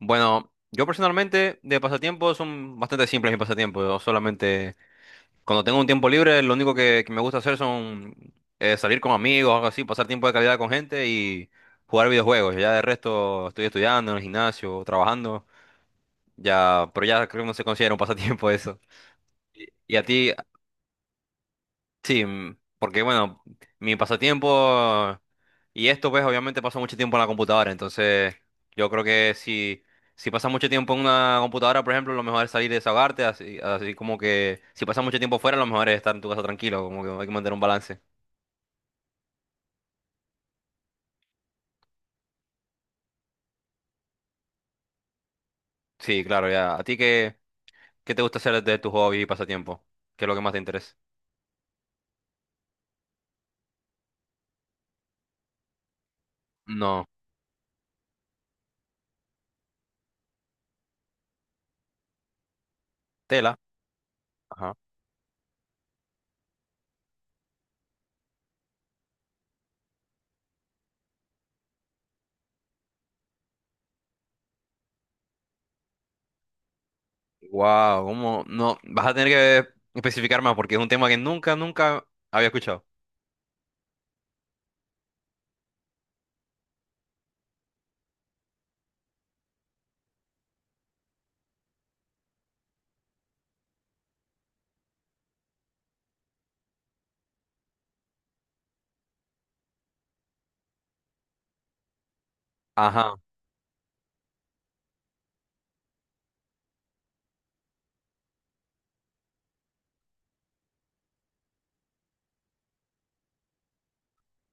Bueno, yo personalmente de pasatiempos son bastante simples mis pasatiempos. Yo solamente cuando tengo un tiempo libre, lo único que me gusta hacer son salir con amigos, algo así, pasar tiempo de calidad con gente y jugar videojuegos. Ya de resto estoy estudiando en el gimnasio, trabajando, ya, pero ya creo que no se considera un pasatiempo eso. ¿Y a ti? Sí, mm, porque bueno, mi pasatiempo y esto pues obviamente paso mucho tiempo en la computadora, entonces yo creo que si, si pasas mucho tiempo en una computadora, por ejemplo, lo mejor es salir y desahogarte, así como que si pasas mucho tiempo fuera, lo mejor es estar en tu casa tranquilo, como que hay que mantener un balance. Sí, claro, ya. ¿A ti qué te gusta hacer de tus hobbies y pasatiempos? ¿Qué es lo que más te interesa? No. Tela. Ajá. Wow, ¿cómo? No, vas a tener que especificar más porque es un tema que nunca había escuchado. Ajá.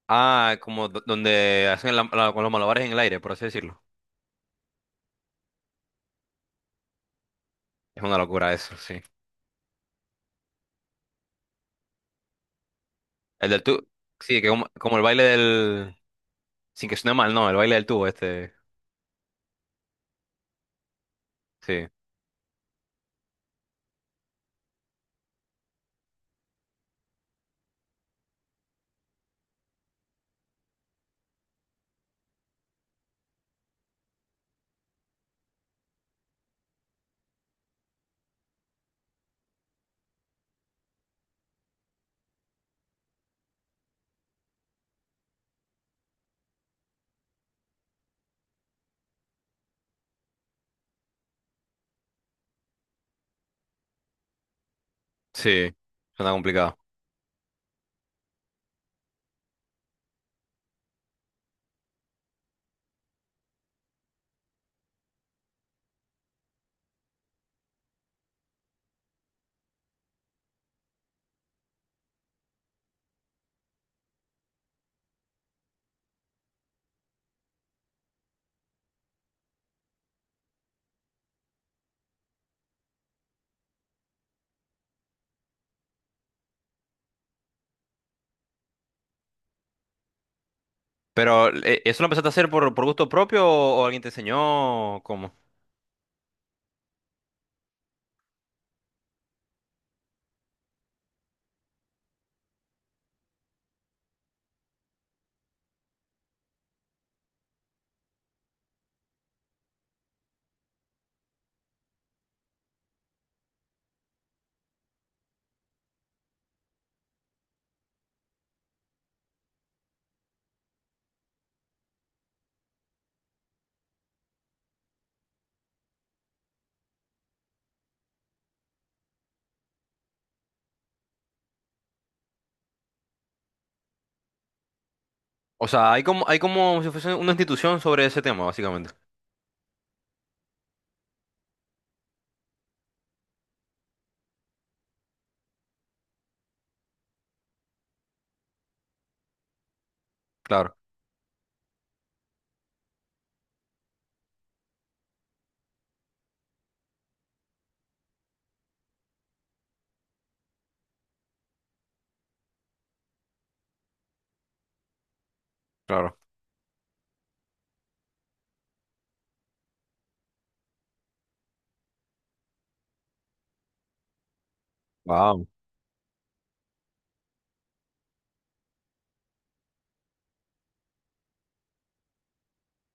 Ah, como donde hacen con los malabares en el aire, por así decirlo. Es una locura eso, sí. El del tubo, sí, que como, como el baile del... Sin que suene mal, no, el baile del tubo, este, sí, sí, suena complicado. Pero, ¿eso lo empezaste a hacer por gusto propio o alguien te enseñó? ¿O cómo? O sea, hay como si fuese una institución sobre ese tema, básicamente. Claro, claro. Wow.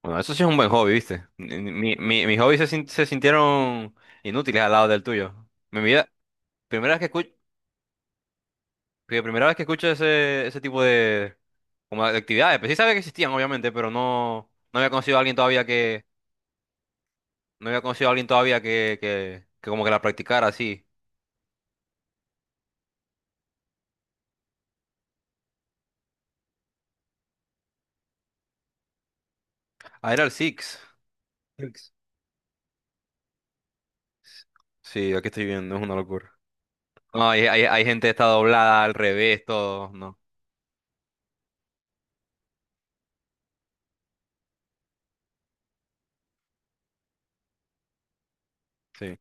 Bueno, eso sí es un buen hobby, ¿viste? Mis hobbies se, sin- se sintieron inútiles al lado del tuyo. Mi vida, primera vez que escucho... Porque primera vez que escucho ese tipo de, como de actividades. Pues sí sabía que existían, obviamente, pero no, no había conocido a alguien todavía que, no había conocido a alguien todavía que como que la practicara así. Ah, era el Six. Six. Sí, aquí estoy viendo, es una locura. No, hay gente que está doblada al revés, todo, ¿no? Sí.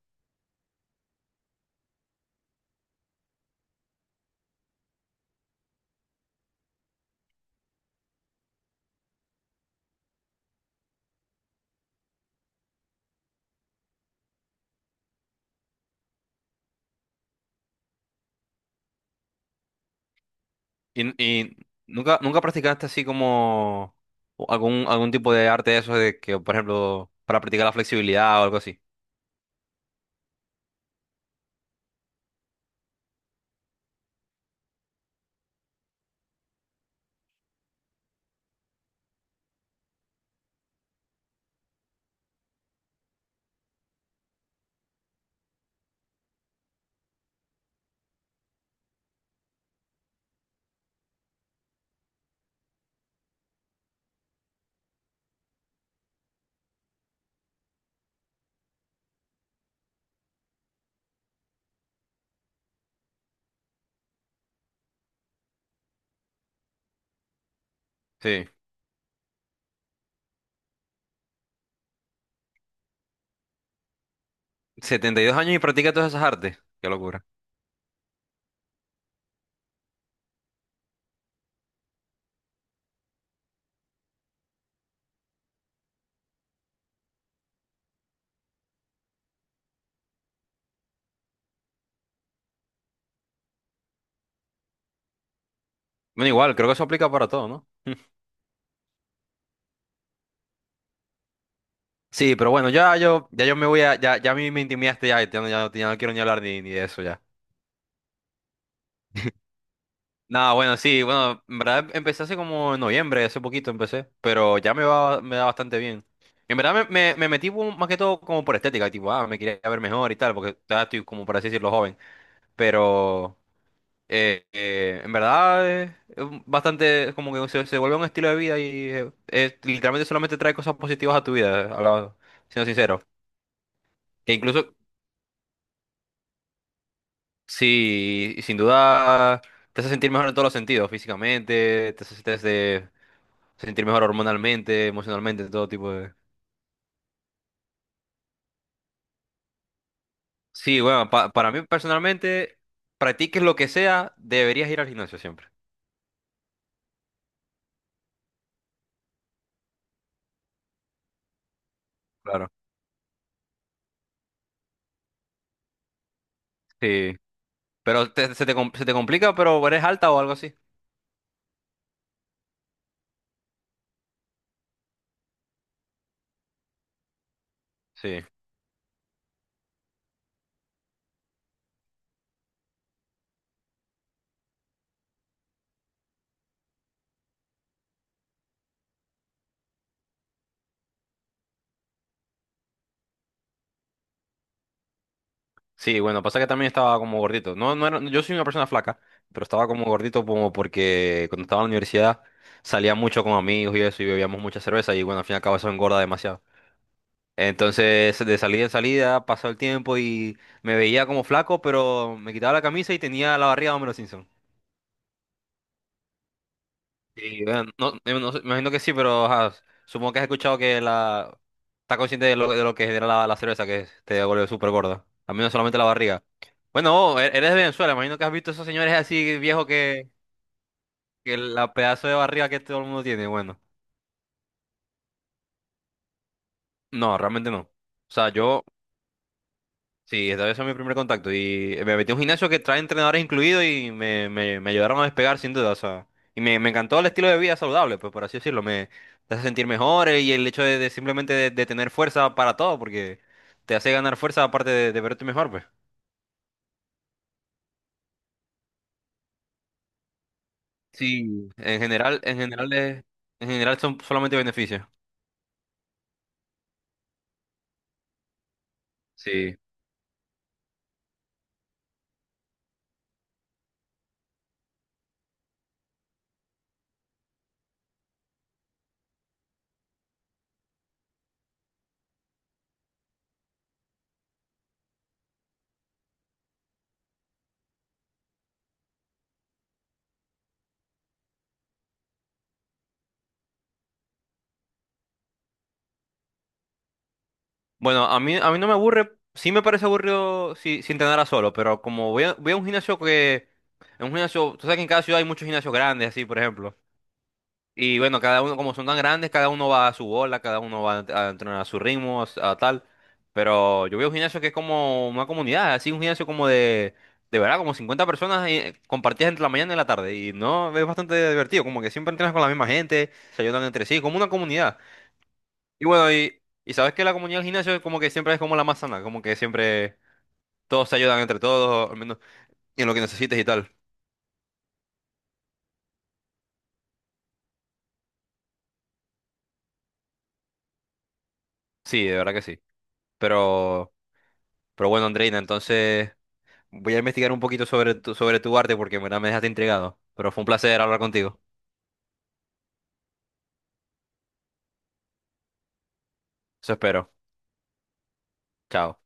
¿Y, y nunca practicaste así como algún tipo de arte de esos de que, por ejemplo, para practicar la flexibilidad o algo así? Sí. 72 años y practica todas esas artes. Qué locura. Bueno, igual, creo que eso aplica para todo, ¿no? Sí, pero bueno, ya yo me voy a, ya, ya a mí me intimidaste ya, ya no, ya no quiero ni hablar ni de eso ya. Nada, bueno, sí, bueno, en verdad empecé hace como en noviembre, hace poquito empecé, pero ya me va, me da bastante bien. En verdad me metí más que todo como por estética, tipo, ah, me quería ver mejor y tal, porque todavía estoy como para así decirlo joven, pero en verdad es bastante, es como que se vuelve un estilo de vida y literalmente solamente trae cosas positivas a tu vida, siendo sincero. Que incluso, sí, sin duda te hace sentir mejor en todos los sentidos, físicamente, te hace sentir mejor hormonalmente, emocionalmente, todo tipo de... Sí, bueno, para mí personalmente, practiques lo que sea, deberías ir al gimnasio siempre. Claro. Sí, pero se te, se te complica, pero eres alta o algo así. Sí, sí, bueno, pasa que también estaba como gordito. No, yo soy una persona flaca, pero estaba como gordito como porque cuando estaba en la universidad salía mucho con amigos y eso y bebíamos mucha cerveza y bueno, al fin y al cabo eso engorda demasiado. Entonces, de salida en salida, pasó el tiempo y me veía como flaco, pero me quitaba la camisa y tenía la barriga de Homero Simpson. Y bueno, no, no sé, me imagino que sí, pero ajá, supongo que has escuchado que la... Estás consciente de de lo que genera la cerveza, que te vuelve súper gorda. A mí no solamente la barriga. Bueno, eres de Venezuela, imagino que has visto esos señores así viejos que la pedazo de barriga que todo el mundo tiene. Bueno, no, realmente no. O sea, yo... Sí, esta vez fue mi primer contacto y me metí a un gimnasio que trae entrenadores incluidos y me ayudaron a despegar sin duda, o sea, y me encantó el estilo de vida saludable, pues por así decirlo, me te hace sentir mejor y el hecho de simplemente de tener fuerza para todo, porque te hace ganar fuerza aparte de verte mejor, pues. Sí, en general son solamente beneficios. Sí. Bueno, a mí no me aburre, sí me parece aburrido si, si entrenara solo, pero como voy a un gimnasio que, en un gimnasio, tú sabes que en cada ciudad hay muchos gimnasios grandes, así, por ejemplo. Y bueno, cada uno, como son tan grandes, cada uno va a su bola, cada uno va a entrenar a su ritmo, a, a tal. Pero yo veo un gimnasio que es como una comunidad, así un gimnasio como de verdad, como 50 personas compartidas entre la mañana y la tarde. Y no, es bastante divertido, como que siempre entrenas con la misma gente, se ayudan entre sí, como una comunidad. Y bueno, y sabes que la comunidad del gimnasio es como que siempre es como la más sana, como que siempre todos se ayudan entre todos, al menos en lo que necesites y tal. Sí, de verdad que sí. Pero, pero bueno, Andreina, entonces... Voy a investigar un poquito sobre tu arte porque en verdad me dejaste intrigado. Pero fue un placer hablar contigo. Eso espero. Chao.